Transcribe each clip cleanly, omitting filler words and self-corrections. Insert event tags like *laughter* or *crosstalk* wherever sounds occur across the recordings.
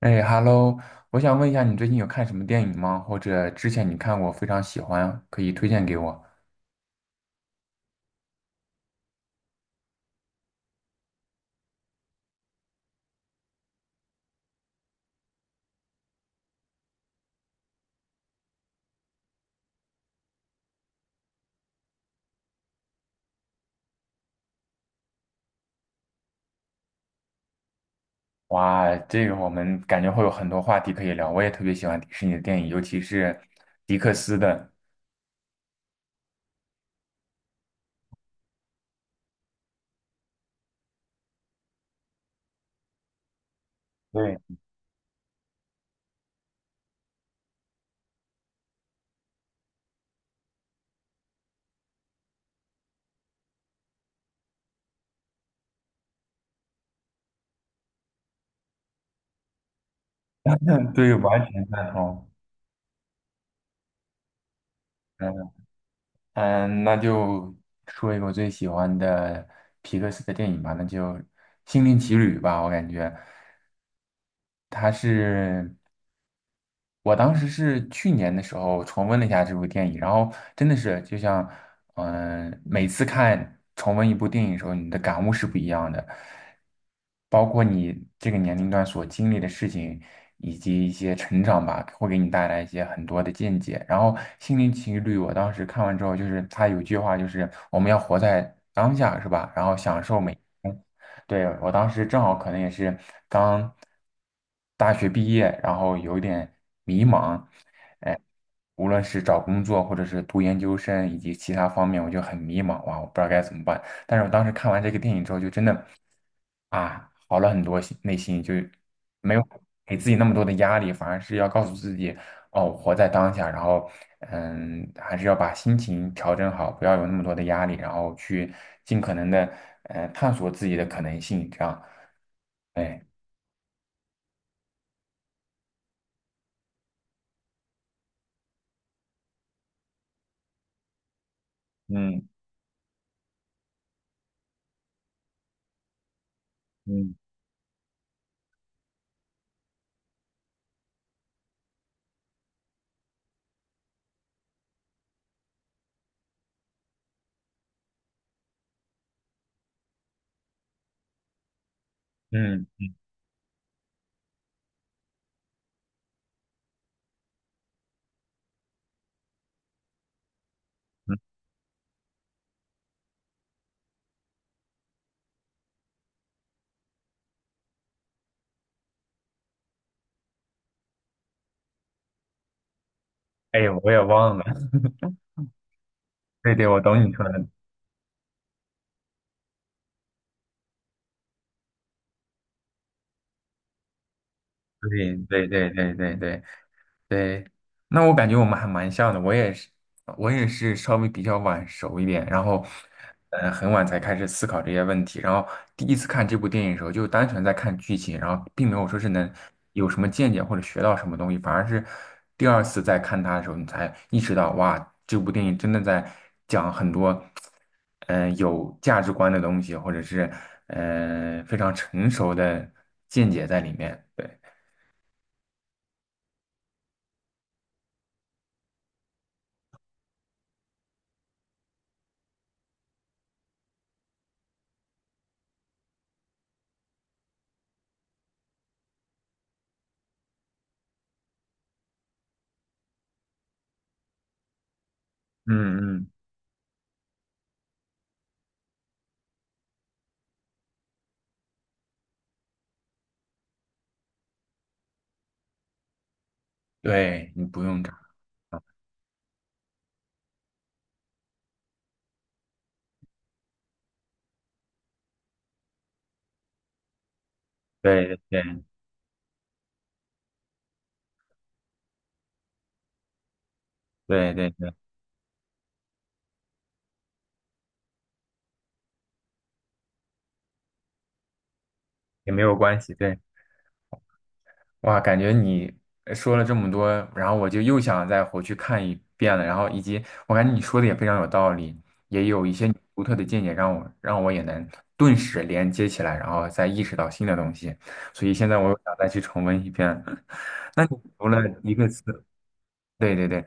哎，Hello，我想问一下，你最近有看什么电影吗？或者之前你看过非常喜欢，可以推荐给我？哇，这个我们感觉会有很多话题可以聊。我也特别喜欢迪士尼的电影，尤其是迪克斯的。对，*laughs* 对，完全赞同。嗯嗯，那就说一个我最喜欢的皮克斯的电影吧，那就《心灵奇旅》吧，我感觉它是。我当时是去年的时候重温了一下这部电影，然后真的是就像，每次看重温一部电影的时候，你的感悟是不一样的，包括你这个年龄段所经历的事情，以及一些成长吧，会给你带来一些很多的见解。然后《心灵奇旅》，我当时看完之后，就是他有句话，就是我们要活在当下，是吧？然后享受每。对，我当时正好可能也是刚大学毕业，然后有点迷茫，哎，无论是找工作，或者是读研究生，以及其他方面，我就很迷茫哇，我不知道该怎么办。但是我当时看完这个电影之后，就真的啊，好了很多心，内心就没有给自己那么多的压力，反而是要告诉自己，哦，活在当下，然后嗯，还是要把心情调整好，不要有那么多的压力，然后去尽可能的探索自己的可能性，这样，哎，嗯嗯嗯嗯嗯，哎，我也忘了，*laughs* 对对，我懂你说的。对对对对对对对，那我感觉我们还蛮像的，我也是，我也是稍微比较晚熟一点，然后，很晚才开始思考这些问题，然后第一次看这部电影的时候，就单纯在看剧情，然后并没有说是能有什么见解或者学到什么东西，反而是第二次再看它的时候，你才意识到，哇，这部电影真的在讲很多，有价值观的东西，或者是，非常成熟的见解在里面，对。嗯嗯，对你不用炸，对对对对对对，也没有关系。对，哇，感觉你说了这么多，然后我就又想再回去看一遍了。然后以及我感觉你说的也非常有道理，也有一些你独特的见解，让我也能顿时连接起来，然后再意识到新的东西。所以现在我又想再去重温一遍。*laughs* 那你除了一个词，对对对，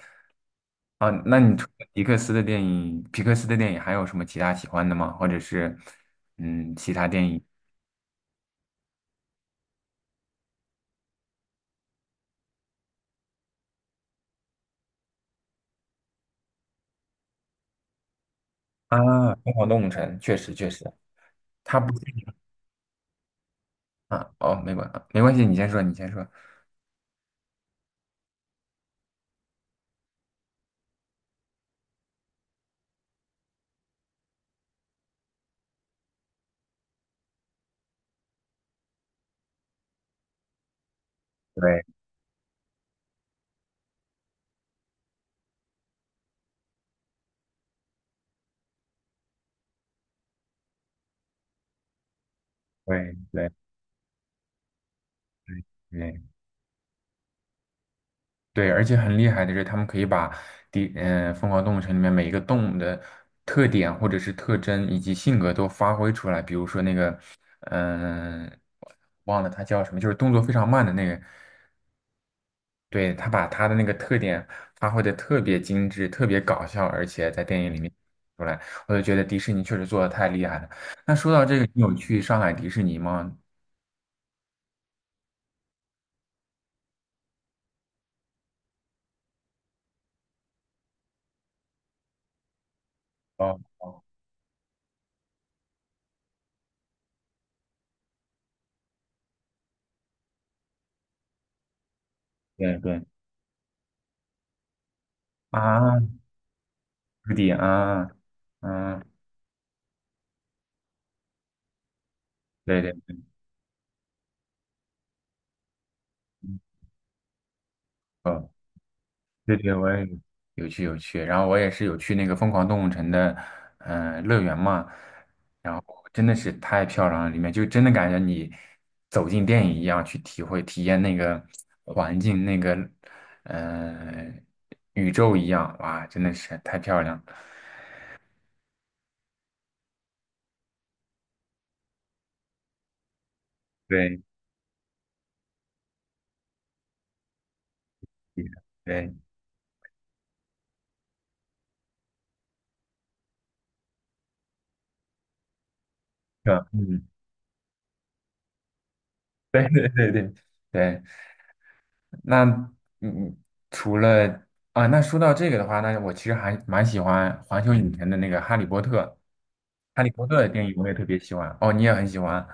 啊，那你除了皮克斯的电影，还有什么其他喜欢的吗？或者是，嗯，其他电影啊，《疯狂动物城》确实，他不啊，哦，没关系，你先说，对对对对对，而且很厉害的是，他们可以把《疯狂动物城》里面每一个动物的特点或者是特征以及性格都发挥出来。比如说那个，嗯、忘了它叫什么，就是动作非常慢的那个。对，他把他的那个特点发挥的特别精致，特别搞笑，而且在电影里面出来，我就觉得迪士尼确实做的太厉害了。那说到这个，你有去上海迪士尼吗？哦，对对，啊，朱迪啊，嗯，对对，嗯。哦对对，我也有去，然后我也是有去那个疯狂动物城的，乐园嘛，然后真的是太漂亮了，里面就真的感觉你走进电影一样去体验那个环境，那个呃宇宙一样，哇，真的是太漂亮了。对，对，对，嗯，对 *laughs* 对对对对，那嗯，除了啊，那说到这个的话，那我其实还蛮喜欢环球影城的那个《哈利波特》。哈利波特的电影我也特别喜欢哦，你也很喜欢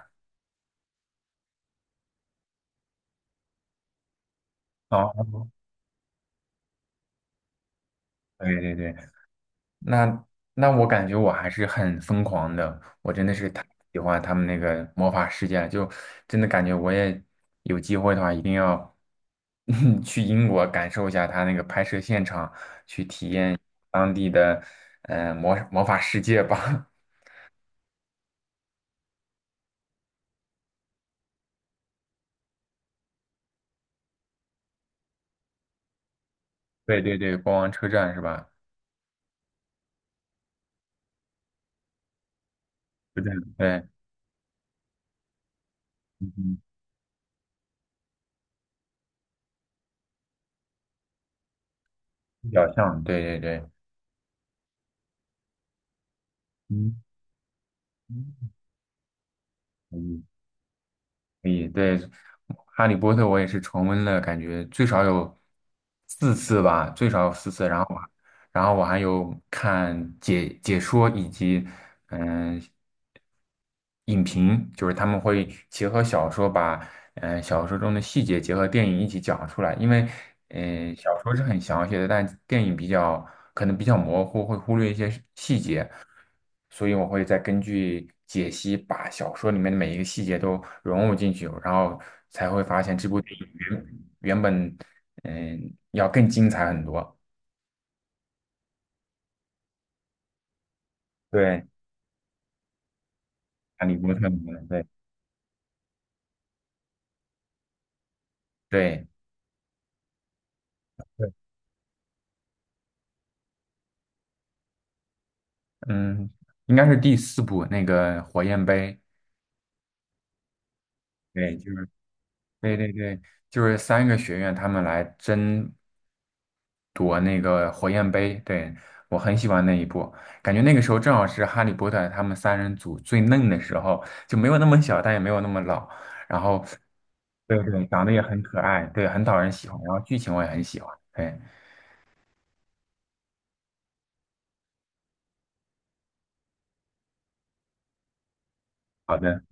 哦，对对对，那那我感觉我还是很疯狂的，我真的是太喜欢他们那个魔法世界了，就真的感觉我也有机会的话，一定要 *laughs* 去英国感受一下他那个拍摄现场，当地的魔法世界吧。*laughs* 对对对，国王车站是吧？车站对，嗯，嗯比较像，对对对，嗯。嗯可以，对，《哈利波特》我也是重温了，感觉最少有四次吧，最少有四次。然后我还有看解说以及嗯、影评，就是他们会结合小说把，小说中的细节结合电影一起讲出来。因为，嗯小说是很详细的，但电影比较可能比较模糊，会忽略一些细节，所以我会再根据解析，把小说里面的每一个细节都融入进去，然后才会发现这部电影原本，要更精彩很多。对，哈利波特里面的，对对。对嗯，应该是第四部那个火焰杯，对，就是对对对，就是三个学院他们来争夺那个火焰杯，对，我很喜欢那一部，感觉那个时候正好是哈利波特他们三人组最嫩的时候，就没有那么小，但也没有那么老，然后对对，长得也很可爱，对，很讨人喜欢，然后剧情我也很喜欢，对，好的。